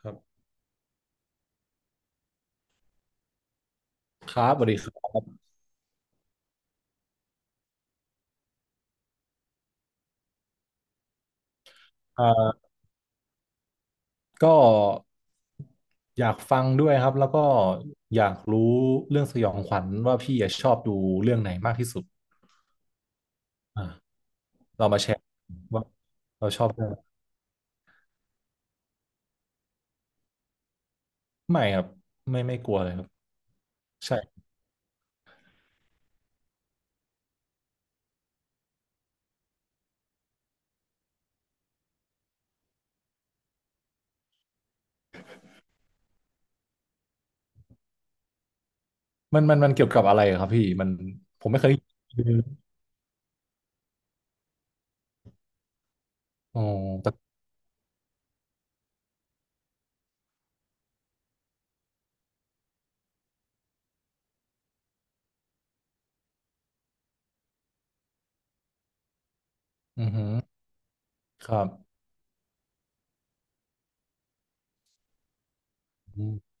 ครับครับสวัสดีครับเอ่าก็อยากฟังด้วยครับแล้วก็อยากรู้เรื่องสยองขวัญว่าพี่อะชอบดูเรื่องไหนมากที่สุดอ่าเรามาแชร์ว่าเราชอบเรื่องอะไรไม่ครับไม่กลัวเลยครับใช่มันเกี่ยวกับอะไรอะครับพี่มันผมไม่เคยอ๋อแต่อือหือครับอม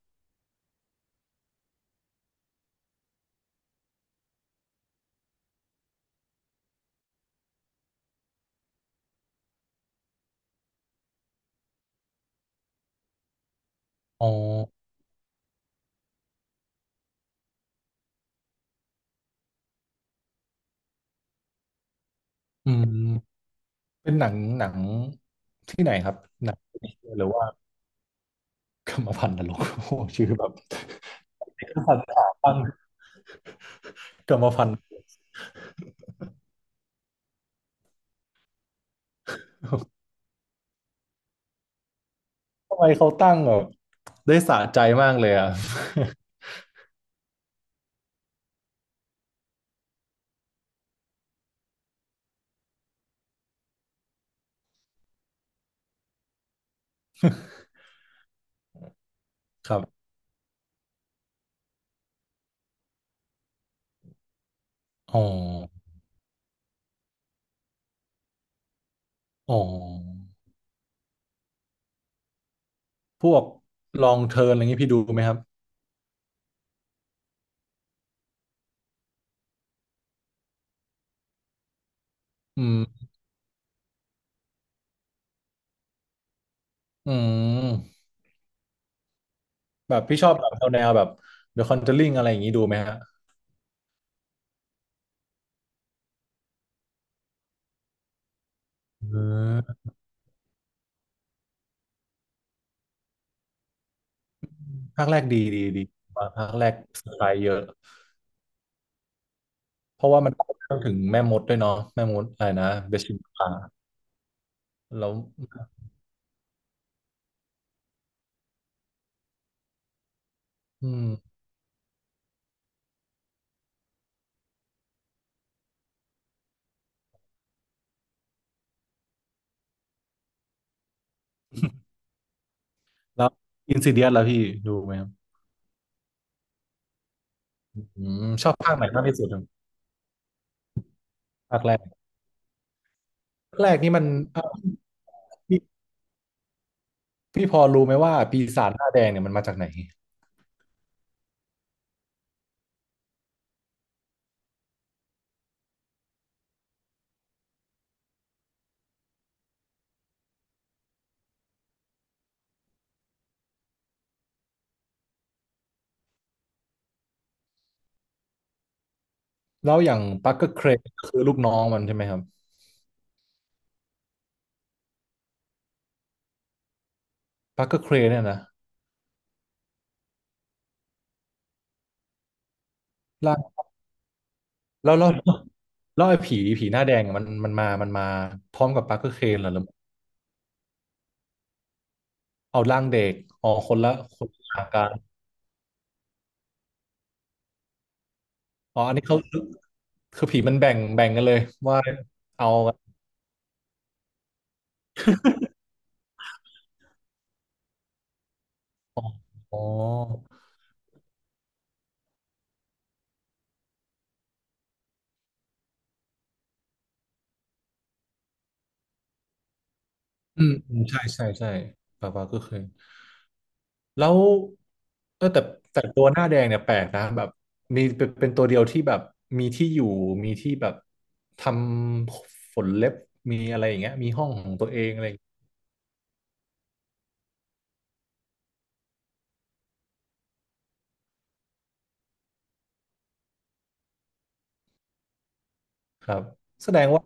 อ๋ออืมเป็นหนังที่ไหนครับหนังหรือว่ากรรมพันธุ์นรก โอ้โหชื่อแบบ เป็นสัตว์ขาตั้งกรรมพันธุ์ทำไมเขาตั้งแบบได้สะใจมากเลยอ่ะ ครับอ๋ออ๋อพวกลองเทิร์นอะไรงี้พี่ดูไหมครับอืมอืมแบบพี่ชอบแบบแนวแบบ The Conjuring อะไรอย่างงี้ดูไหมฮะเออภาคแรกดีดีดีว่าภาคแรกสไตล์เยอะเพราะว่ามันพูดเรื่องถึงแม่มดด้วยเนาะแม่มดอะไรนะเดชิมพาแล้วอืมแล้วอินซิเดียสล่ะพี่ดูไหมครับอืมชอบภาคไหนมากที่สุดครับภาคแรก แรกนี่มันเอ่อพี่พี่พอรู้ไหมว่าปีศาจหน้าแดงเนี่ยมันมาจากไหนแล้วอย่างปักเกอร์เครนคือลูกน้องมันใช่ไหมครับปักเกอร์เครนเนี่ยนะล่าแล้วแล้วไอ้ผีหน้าแดงอะมันมันมาพร้อมกับปักเกอร์เครนเหรอหรือเอาร่างเด็กอ๋อคนละคนละอย่างการอ๋ออันนี้เขาคือผีมันแบ่งแบ่งกันเลยว่าเอาอ๋ออ๋ออืมอืมใช่ใช่ใช่ปักเกอร์เครน แล้วเออแต่แต่ตัวหน้าแดงเนี่ยแปลกนะแบบมีเป็นเป็นตัวเดียวที่แบบมีที่อยู่มีที่แบบทำฝนเล็บมีอะไรอย่างเงี้ยมีห้องของตัวเองอะไรอย่างเงี้ยครับแสดงว่า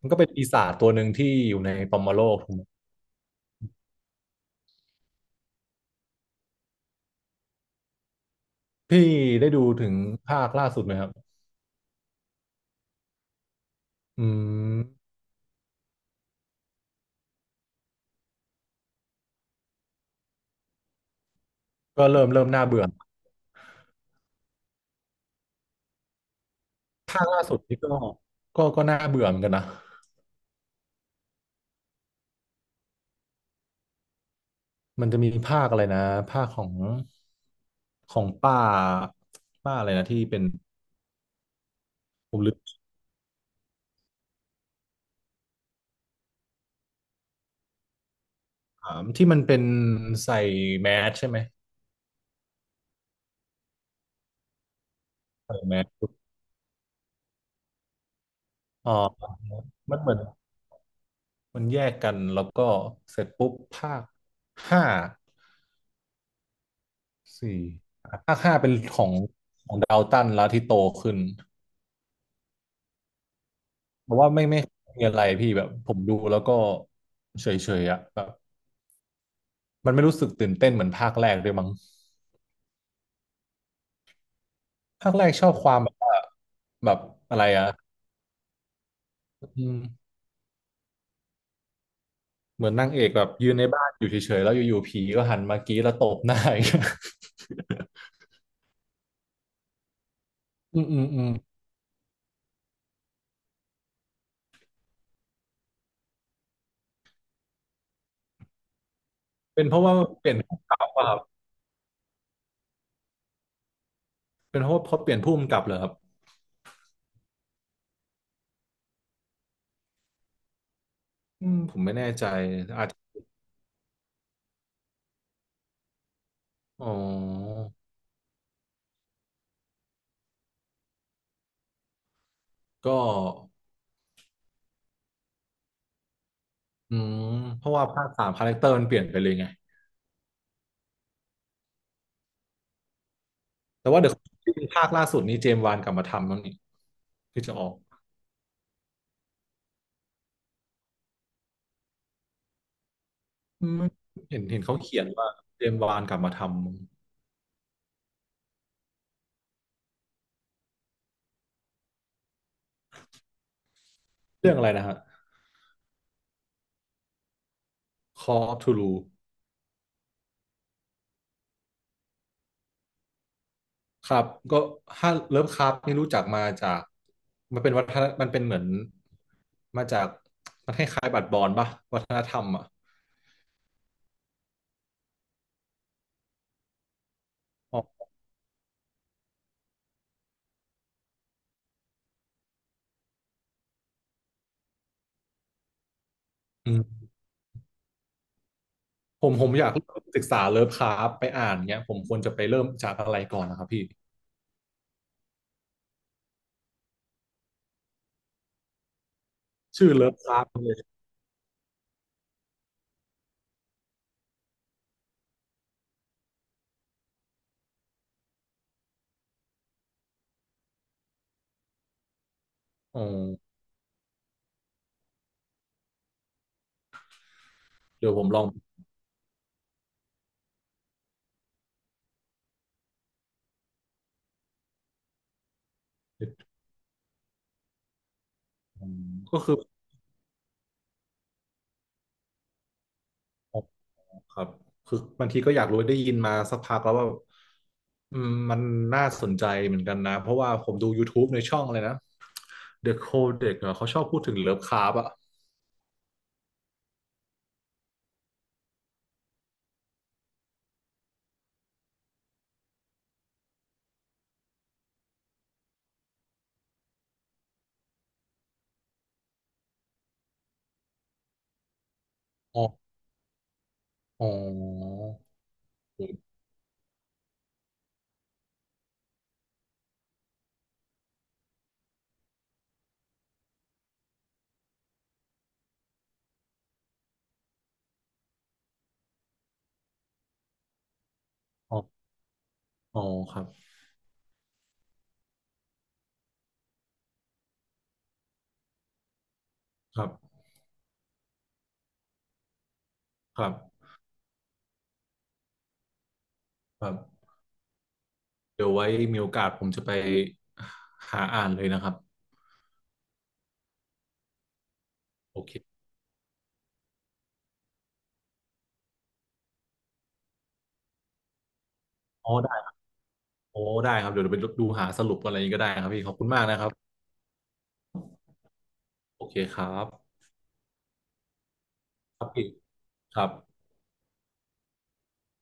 มันก็เป็นปีศาจตัวหนึ่งที่อยู่ในปอมโลกถูกไหมพี่ได้ดูถึงภาคล่าสุดไหมครับอืมก็เริ่มเริ่มน่าเบื่อภาคล่าสุดนี่ก็ก็ก็น่าเบื่อเหมือนกันนะมันจะมีภาคอะไรนะภาคของของป้าป้าอะไรนะที่เป็นผมลืม ถามที่มันเป็นใส่แมสใช่ไหมใส่แมสปุ๊บอ๋อมันเหมือนมันแยกกันแล้วก็เสร็จปุ๊บภาคห้าสี่ภาคห้าเป็นของดาวตันแล้วที่โตขึ้นเพราะว่าไม่มีอะไรพี่แบบผมดูแล้วก็เฉยๆอ่ะแบบมันไม่รู้สึกตื่นเต้นเหมือนภาคแรกด้วยมั้งภาคแรกชอบความแบบว่าแบบอะไรอ่ะอืมเหมือนนางเอกแบบยืนในบ้านอยู่เฉยๆแล้วอยู่ๆผีก็หันมากรี้แล้วตบหน้าอย่างเงี้ย อืมอืมอืมเป็นเพราะว่าเปลี่ยนกลับป่ะครับเป็นเพราะว่าพอเปลี่ยนผู้กำกับเหรอครับอืมผมไม่แน่ใจอาจจะอ๋อก็อืมเพราะว่าภาคสามคาแรคเตอร์มันเปลี่ยนไปเลยไงแต่ว่าเดี๋ยวภาคล่าสุดนี้เจมส์วานกลับมาทำแล้วนี่ที่จะออกอืมเห็นเขาเขียนว่าเจมส์วานกลับมาทำเรื่องอะไรนะฮะ Call of Cthulhu ครับก็ถ้าเลิฟคราฟนี่รู้จักมาจากมันเป็นวัฒนมันเป็นเหมือนมาจากมันคล้ายๆบัตรบอลป่ะวัฒนธรรมอ่ะ อืมผมอยากศึกษาเลิฟคราฟต์ไปอ่านเนี้ยผมควรจะไปเริ่มจากอะไรก่อนนะครับพี่ชื่อเลิฟคราฟต์เลยอ๋อเดี๋ยวผมลองอืมก็คืออ๋อครับคือบางทีก็อยากรู้ได้ยินมาสักพักแล้วว่าอืมมันน่าสนใจเหมือนกันนะเพราะว่าผมดู YouTube ในช่องเลยนะ The Codex เหรอเขาชอบพูดถึงเลิฟคราฟต์อะอ๋ออ๋ออ๋ออ๋อครับครับครับครับเดี๋ยวไว้มีโอกาสผมจะไปหาอ่านเลยนะครับ โอเคโอ้ได้โอ้ได้ครับ เดี๋ยวเราไปดูหาสรุปอะไรนี้ก็ได้ครับพี่ขอบคุณมากนะครับ โอเคครับ ครับพี่ครับ